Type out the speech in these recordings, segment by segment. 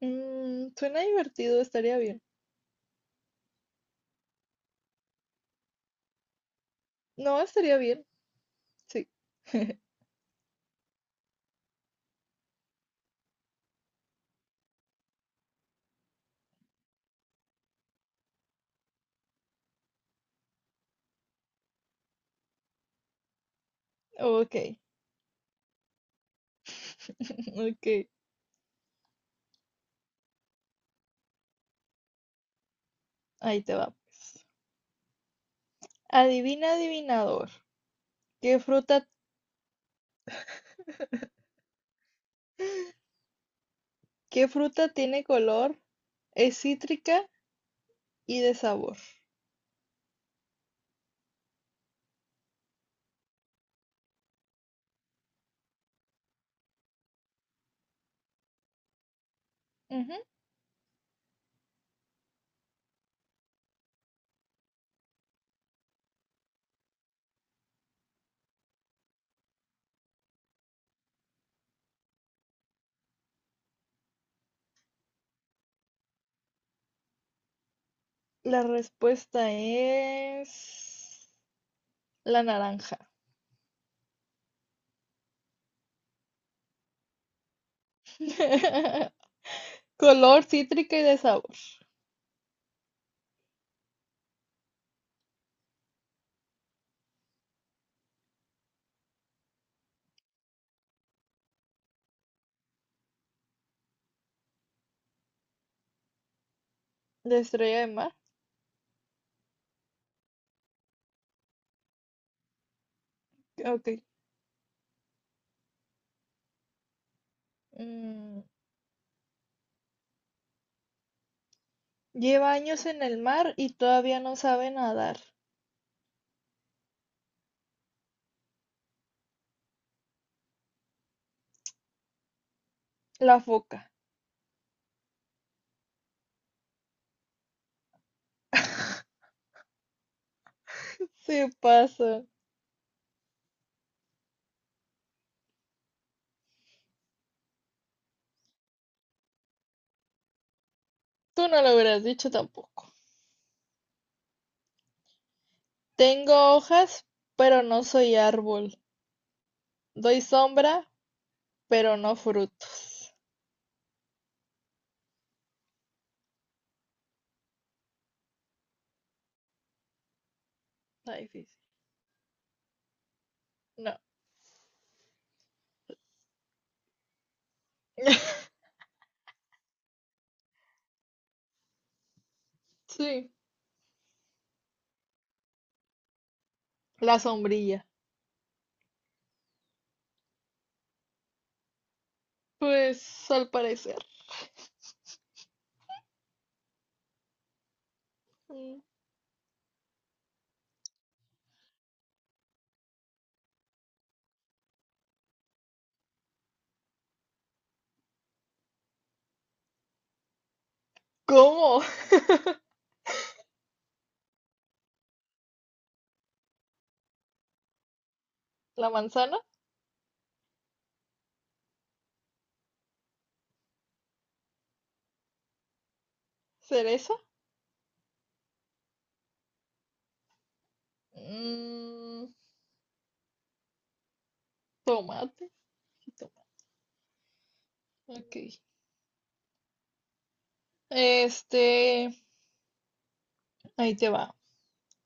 Mm, suena divertido, estaría bien. No, estaría bien. Sí. Ok, ok. Ahí te va. Pues. Adivina, adivinador. ¿Qué fruta, qué fruta tiene color? Es cítrica y de sabor. Ujú. La respuesta es la naranja. Color cítrica y de sabor. De estrella de mar. Ok. Mm, Lleva años en el mar y todavía no sabe nadar. La foca. Sí pasa. Tú no lo hubieras dicho tampoco. Tengo hojas, pero no soy árbol. Doy sombra, pero no frutos. Está difícil. No. Sí, la sombrilla. Pues al parecer. Mm. ¿Cómo? ¿La manzana? ¿Cereza? Mm, tomate. Sí, tomate. Ok. Este, ahí te va.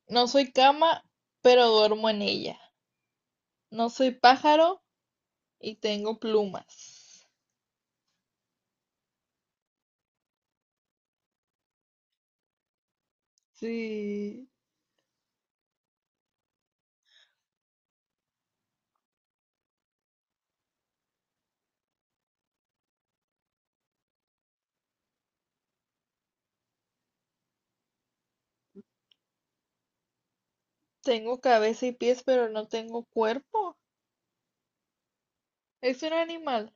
No soy cama, pero duermo en ella. No soy pájaro y tengo plumas. Sí, tengo cabeza y pies, pero no tengo cuerpo. Es un animal.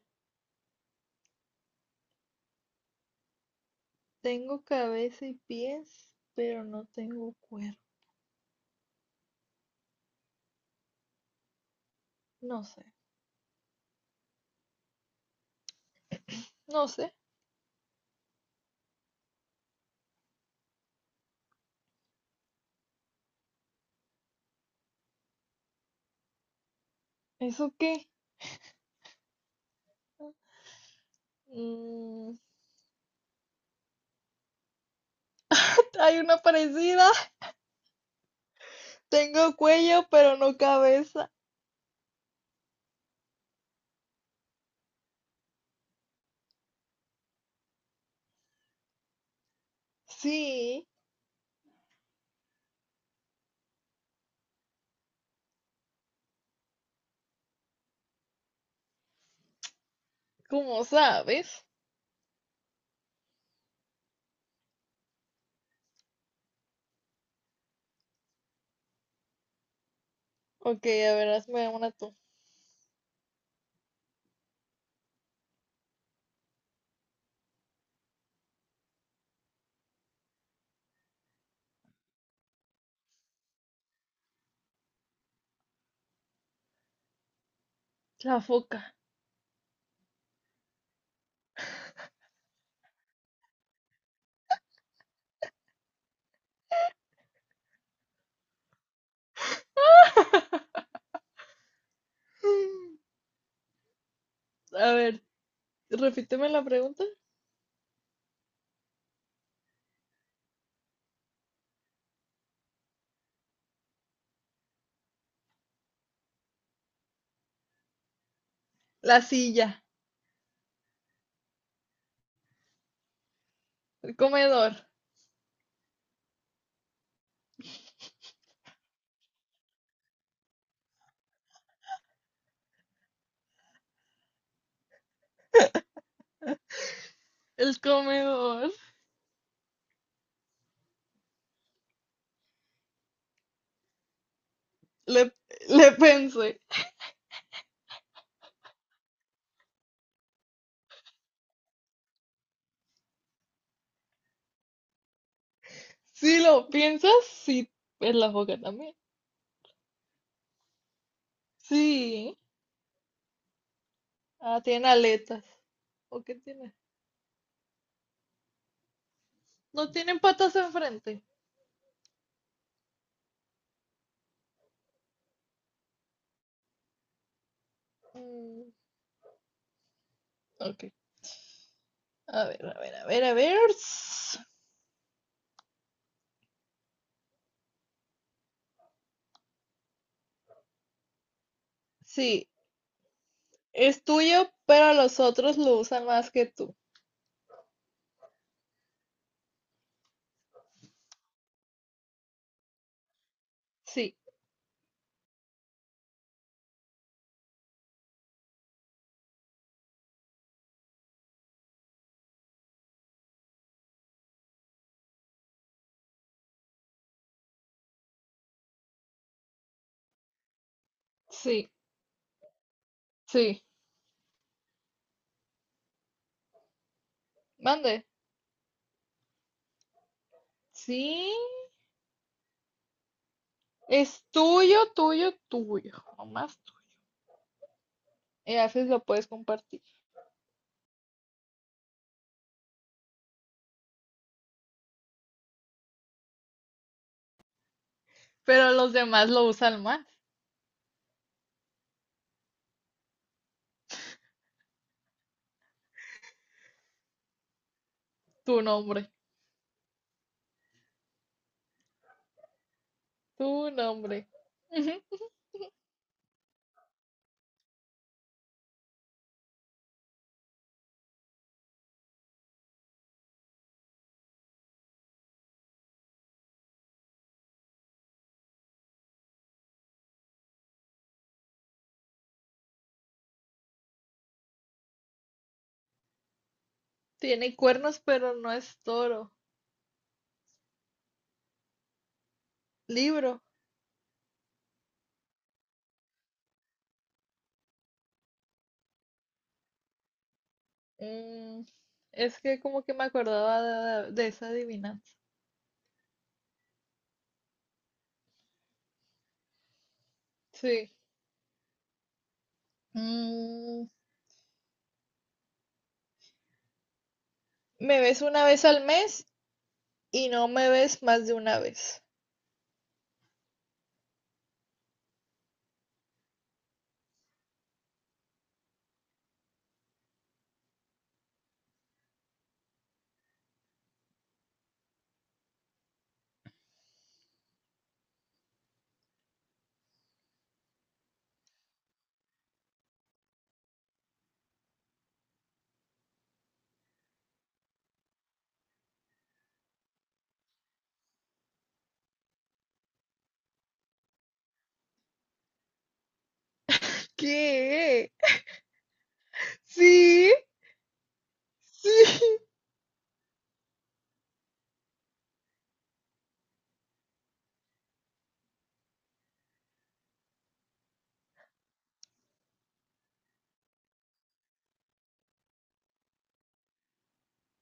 Tengo cabeza y pies, pero no tengo cuerpo. No sé, no sé. ¿Eso qué? Mm, hay una parecida. Tengo cuello, pero no cabeza. Sí, ¿cómo sabes? Ok, a ver, hazme una tú. La foca. A ver, repíteme la pregunta. La silla, el comedor, el comedor. Le, le pensé. Si lo piensas, sí, es la foca también. Sí. Ah, tiene aletas. ¿O qué tiene? No tienen patas enfrente. Mm, ok. A ver, a ver, a ver, a ver. Sí. Es tuyo, pero los otros lo usan más que tú. Sí, sí, sí. Mande. Sí. Es tuyo, tuyo, tuyo. Nomás tú. Y a veces lo puedes compartir. Pero los demás lo usan más. Tu nombre. Tu nombre. Ujú. Tiene cuernos, pero no es toro. Libro. Mm, es que como que me acordaba de esa adivinanza. Sí. Mm, me ves una vez al mes y no me ves más de una vez. ¿Qué? Sí, sí.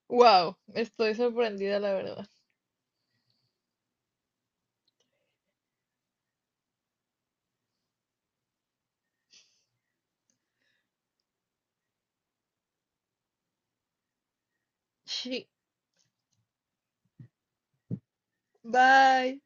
Wow, estoy sorprendida, la verdad. Sí. Bye.